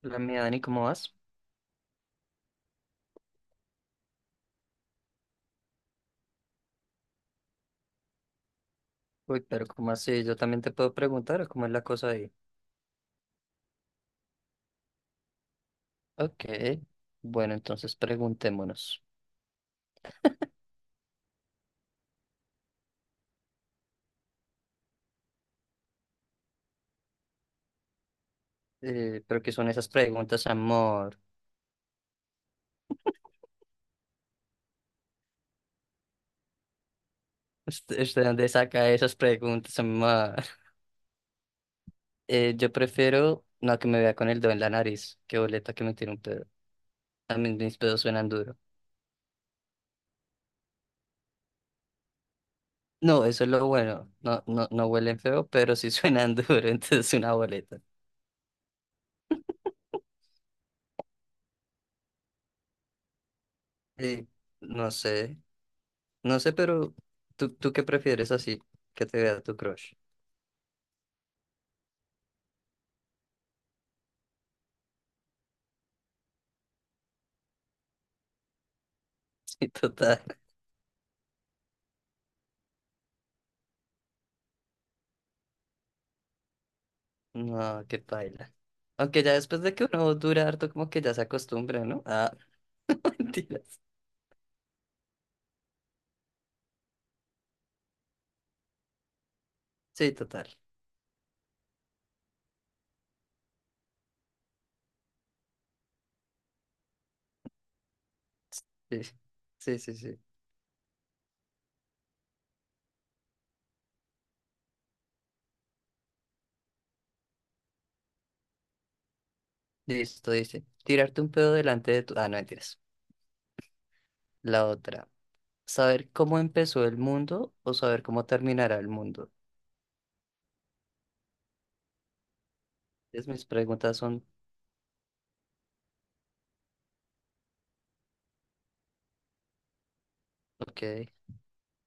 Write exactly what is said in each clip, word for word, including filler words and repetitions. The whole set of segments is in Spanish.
La mía, Dani, ¿cómo vas? Uy, pero ¿cómo así? Yo también te puedo preguntar, ¿o cómo es la cosa ahí? Ok, bueno, entonces preguntémonos. Eh, ¿pero qué son esas preguntas, amor? ¿Usted, usted dónde saca esas preguntas, amor? Eh, yo prefiero no que me vea con el dedo en la nariz. Qué boleta que me tire un pedo. A mí mis pedos suenan duro. No, eso es lo bueno. No, no, no huelen feo, pero sí suenan duro, entonces una boleta. Eh, no sé, no sé, pero ¿tú, tú qué prefieres así? Que te vea tu crush. Sí, total. No, qué paila. Aunque ya después de que uno dura harto, como que ya se acostumbra, ¿no? Ah, mentiras. Sí, total. Sí, sí, sí, sí. Listo, dice. Tirarte un pedo delante de tu... Ah, no, mentiras. La otra. ¿Saber cómo empezó el mundo o saber cómo terminará el mundo? Es, mis preguntas son... Ok.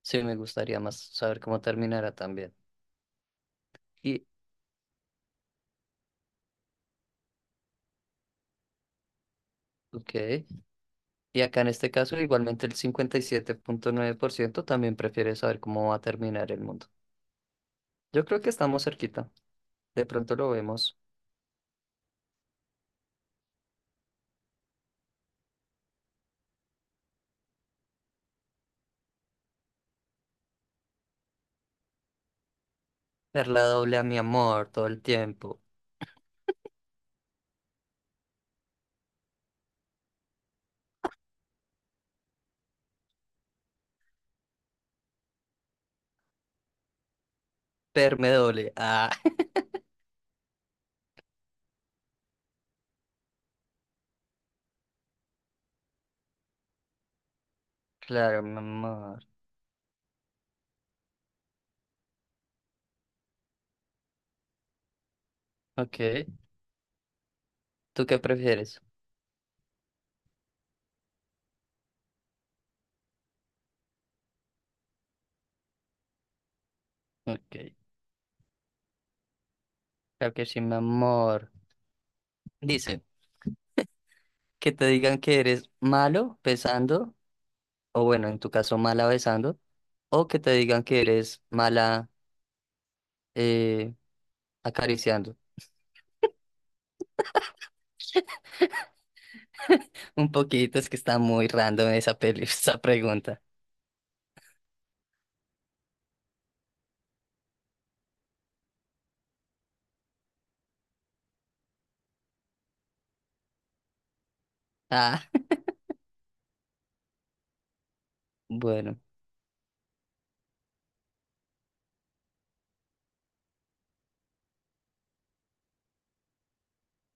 Sí, me gustaría más saber cómo terminará también. Y... Ok. Y acá en este caso, igualmente el cincuenta y siete punto nueve por ciento también prefiere saber cómo va a terminar el mundo. Yo creo que estamos cerquita. De pronto lo vemos. Perla doble a mi amor todo el tiempo. Perme doble. Ah, claro, mi amor. Ok. ¿Tú qué prefieres? Ok. Claro que sí, mi amor. Dice, que te digan que eres malo besando, o bueno, en tu caso mala besando, o que te digan que eres mala eh, acariciando. Un poquito, es que está muy random esa peli, esa pregunta. Ah, bueno.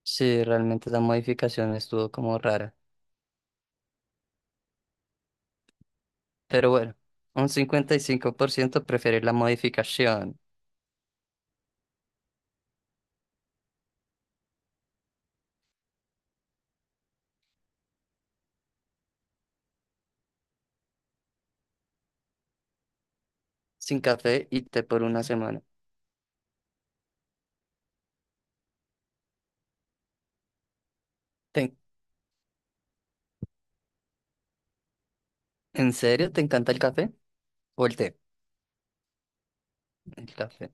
Sí, realmente la modificación estuvo como rara. Pero bueno, un cincuenta y cinco por ciento prefiere la modificación sin café y té por una semana. ¿Te- ¿En serio te encanta el café o el té? El café.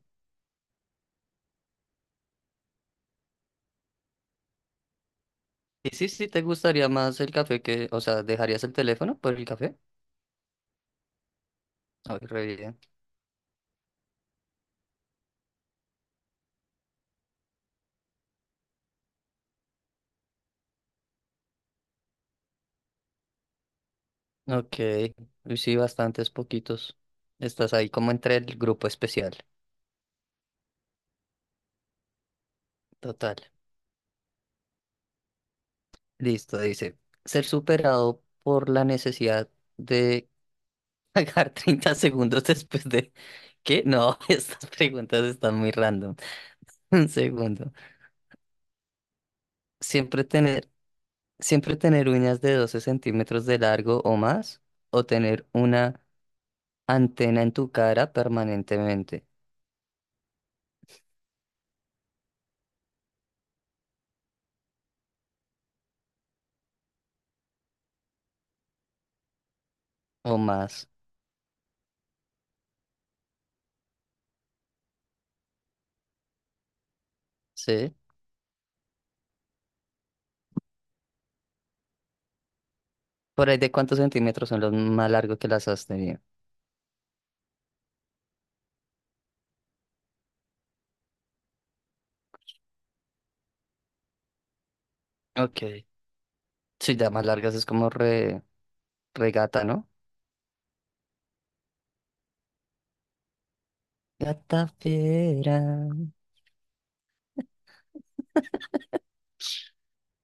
Y sí, sí, te gustaría más el café que, o sea, ¿dejarías el teléfono por el café? Ay, re bien. Ok, y sí, bastantes poquitos. Estás ahí como entre el grupo especial. Total. Listo, dice. Ser superado por la necesidad de pagar treinta segundos después de... ¿Qué? No, estas preguntas están muy random. Un segundo. Siempre tener, siempre tener uñas de doce centímetros de largo o más, o tener una antena en tu cara permanentemente o más. ¿Sí? Por ahí de cuántos centímetros son los más largos que las has tenido. Ok. Sí, ya más largas es como re, regata, ¿no? Gata fiera.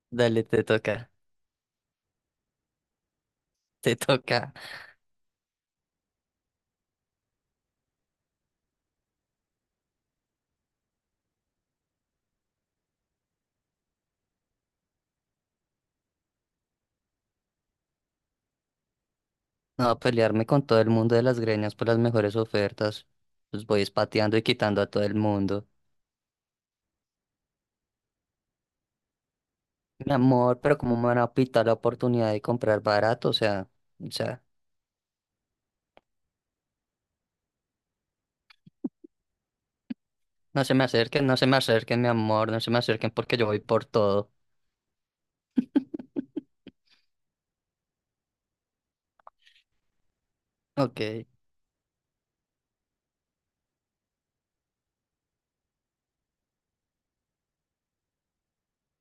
Dale, te toca. Te toca. No, a pelearme con todo el mundo de las greñas por las mejores ofertas. Los voy espateando y quitando a todo el mundo. Mi amor, pero ¿cómo me van a pitar la oportunidad de comprar barato? O sea, o sea, no se me acerquen, no se me acerquen, mi amor, no se me acerquen porque yo voy por todo. Ok,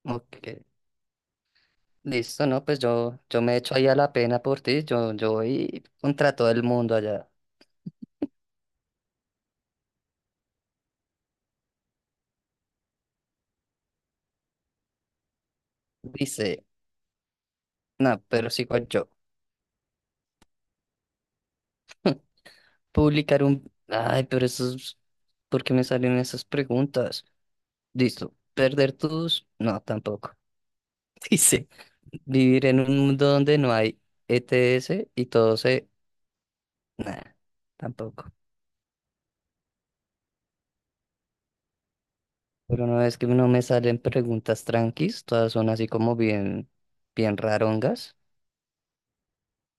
ok. Listo, no, pues yo, yo me echo ahí a la pena por ti. Yo, yo voy contra todo el mundo allá. Dice, no, pero sigo yo. Publicar un. Ay, pero eso es. ¿Por qué me salen esas preguntas? Listo. Perder tus... No, tampoco. Dice, vivir en un mundo donde no hay E T S y todo se... Nah, tampoco. Pero no es que no me salen preguntas tranquis, todas son así como bien, bien rarongas.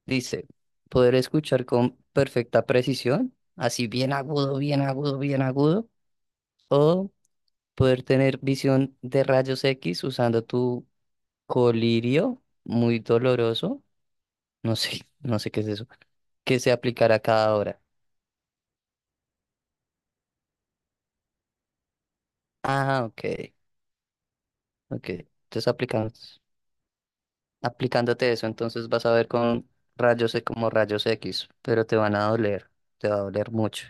Dice, poder escuchar con perfecta precisión, así bien agudo, bien agudo, bien agudo, o poder tener visión de rayos X usando tu colirio, muy doloroso. No sé, no sé qué es eso. Que se aplicará cada hora. Ah, ok, ok. Entonces aplicando, aplicándote eso, entonces vas a ver con rayos E como rayos X, pero te van a doler, te va a doler mucho.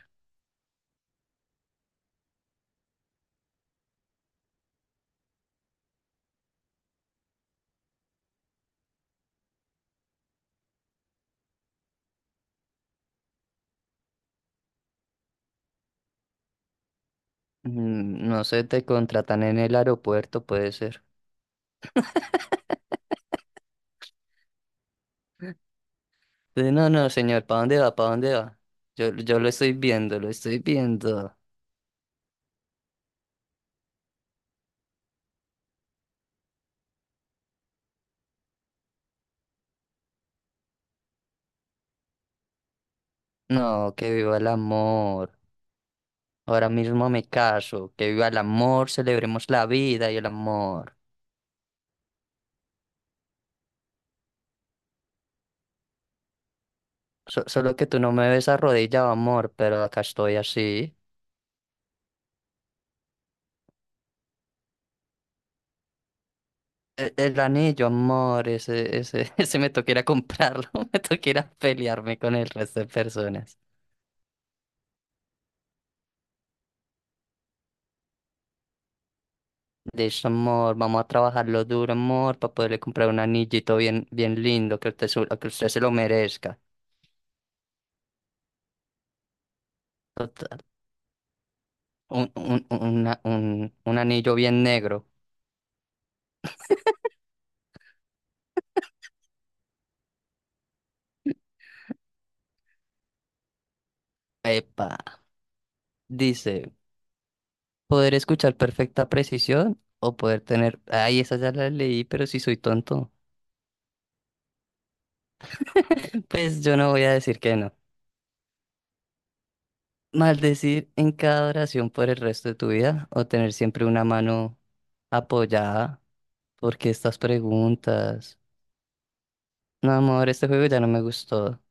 Mm, no sé, te contratan en el aeropuerto, puede ser. Eh, No, no, señor, ¿para dónde va? ¿Para dónde va? Yo, yo lo estoy viendo, lo estoy viendo. No, que viva el amor. Ahora mismo me caso, que viva el amor, celebremos la vida y el amor. So- solo que tú no me ves arrodillado, amor, pero acá estoy así. E- El anillo, amor, ese, ese, ese me toca ir a comprarlo, me toca ir a pelearme con el resto de personas. De Listo, amor, vamos a trabajarlo duro, amor, para poderle comprar un anillito bien, bien lindo, que usted, su- que usted se lo merezca. Total, un, un, una- un, un anillo bien negro. Epa, dice, poder escuchar perfecta precisión o poder tener... Ay, esa ya la leí, pero si soy tonto. Pues yo no voy a decir que no. Maldecir en cada oración por el resto de tu vida o tener siempre una mano apoyada. ¿Porque estas preguntas? No, amor, este juego ya no me gustó.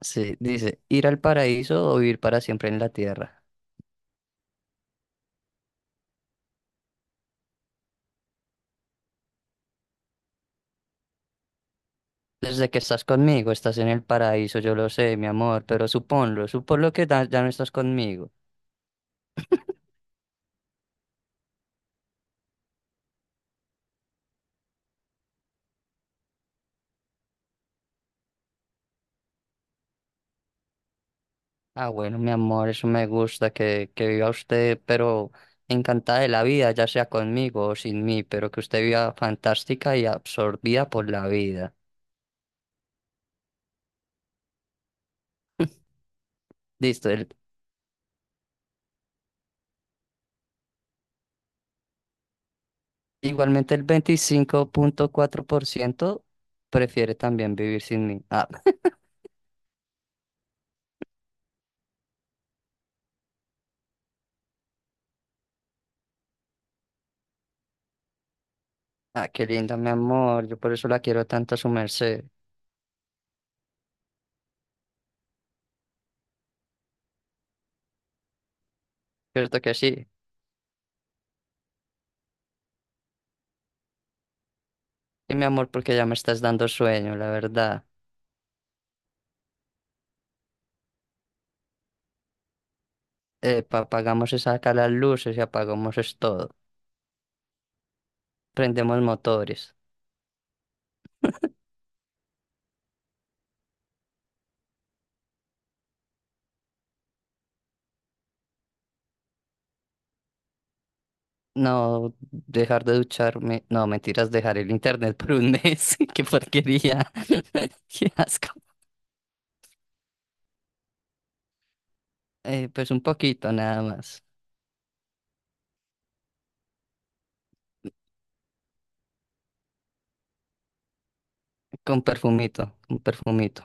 Sí, dice, ir al paraíso o vivir para siempre en la tierra. Desde que estás conmigo, estás en el paraíso, yo lo sé, mi amor, pero suponlo, suponlo que da- ya no estás conmigo. Ah, bueno, mi amor, eso me gusta que, que viva usted, pero encantada de la vida, ya sea conmigo o sin mí, pero que usted viva fantástica y absorbida por la vida. Listo, el- Igualmente el veinticinco punto cuatro por ciento prefiere también vivir sin mí. Ah, ah, qué linda, mi amor, yo por eso la quiero tanto a su merced. ¿Cierto que sí? Y mi amor, porque ya me estás dando sueño, la verdad. Eh, apagamos esas acá las luces y apagamos es todo. Prendemos motores. No, dejar de ducharme. No, mentiras, dejar el internet por un mes. Qué porquería. Qué asco. Eh, pues un poquito nada más. Con perfumito, con perfumito.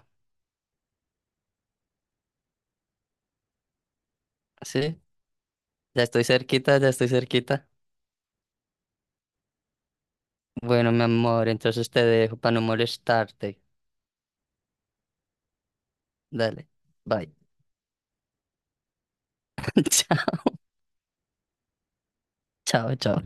¿Sí? Ya estoy cerquita, ya estoy cerquita. Bueno, mi amor, entonces te dejo para no molestarte. Dale. Bye. Chao, chao, chao.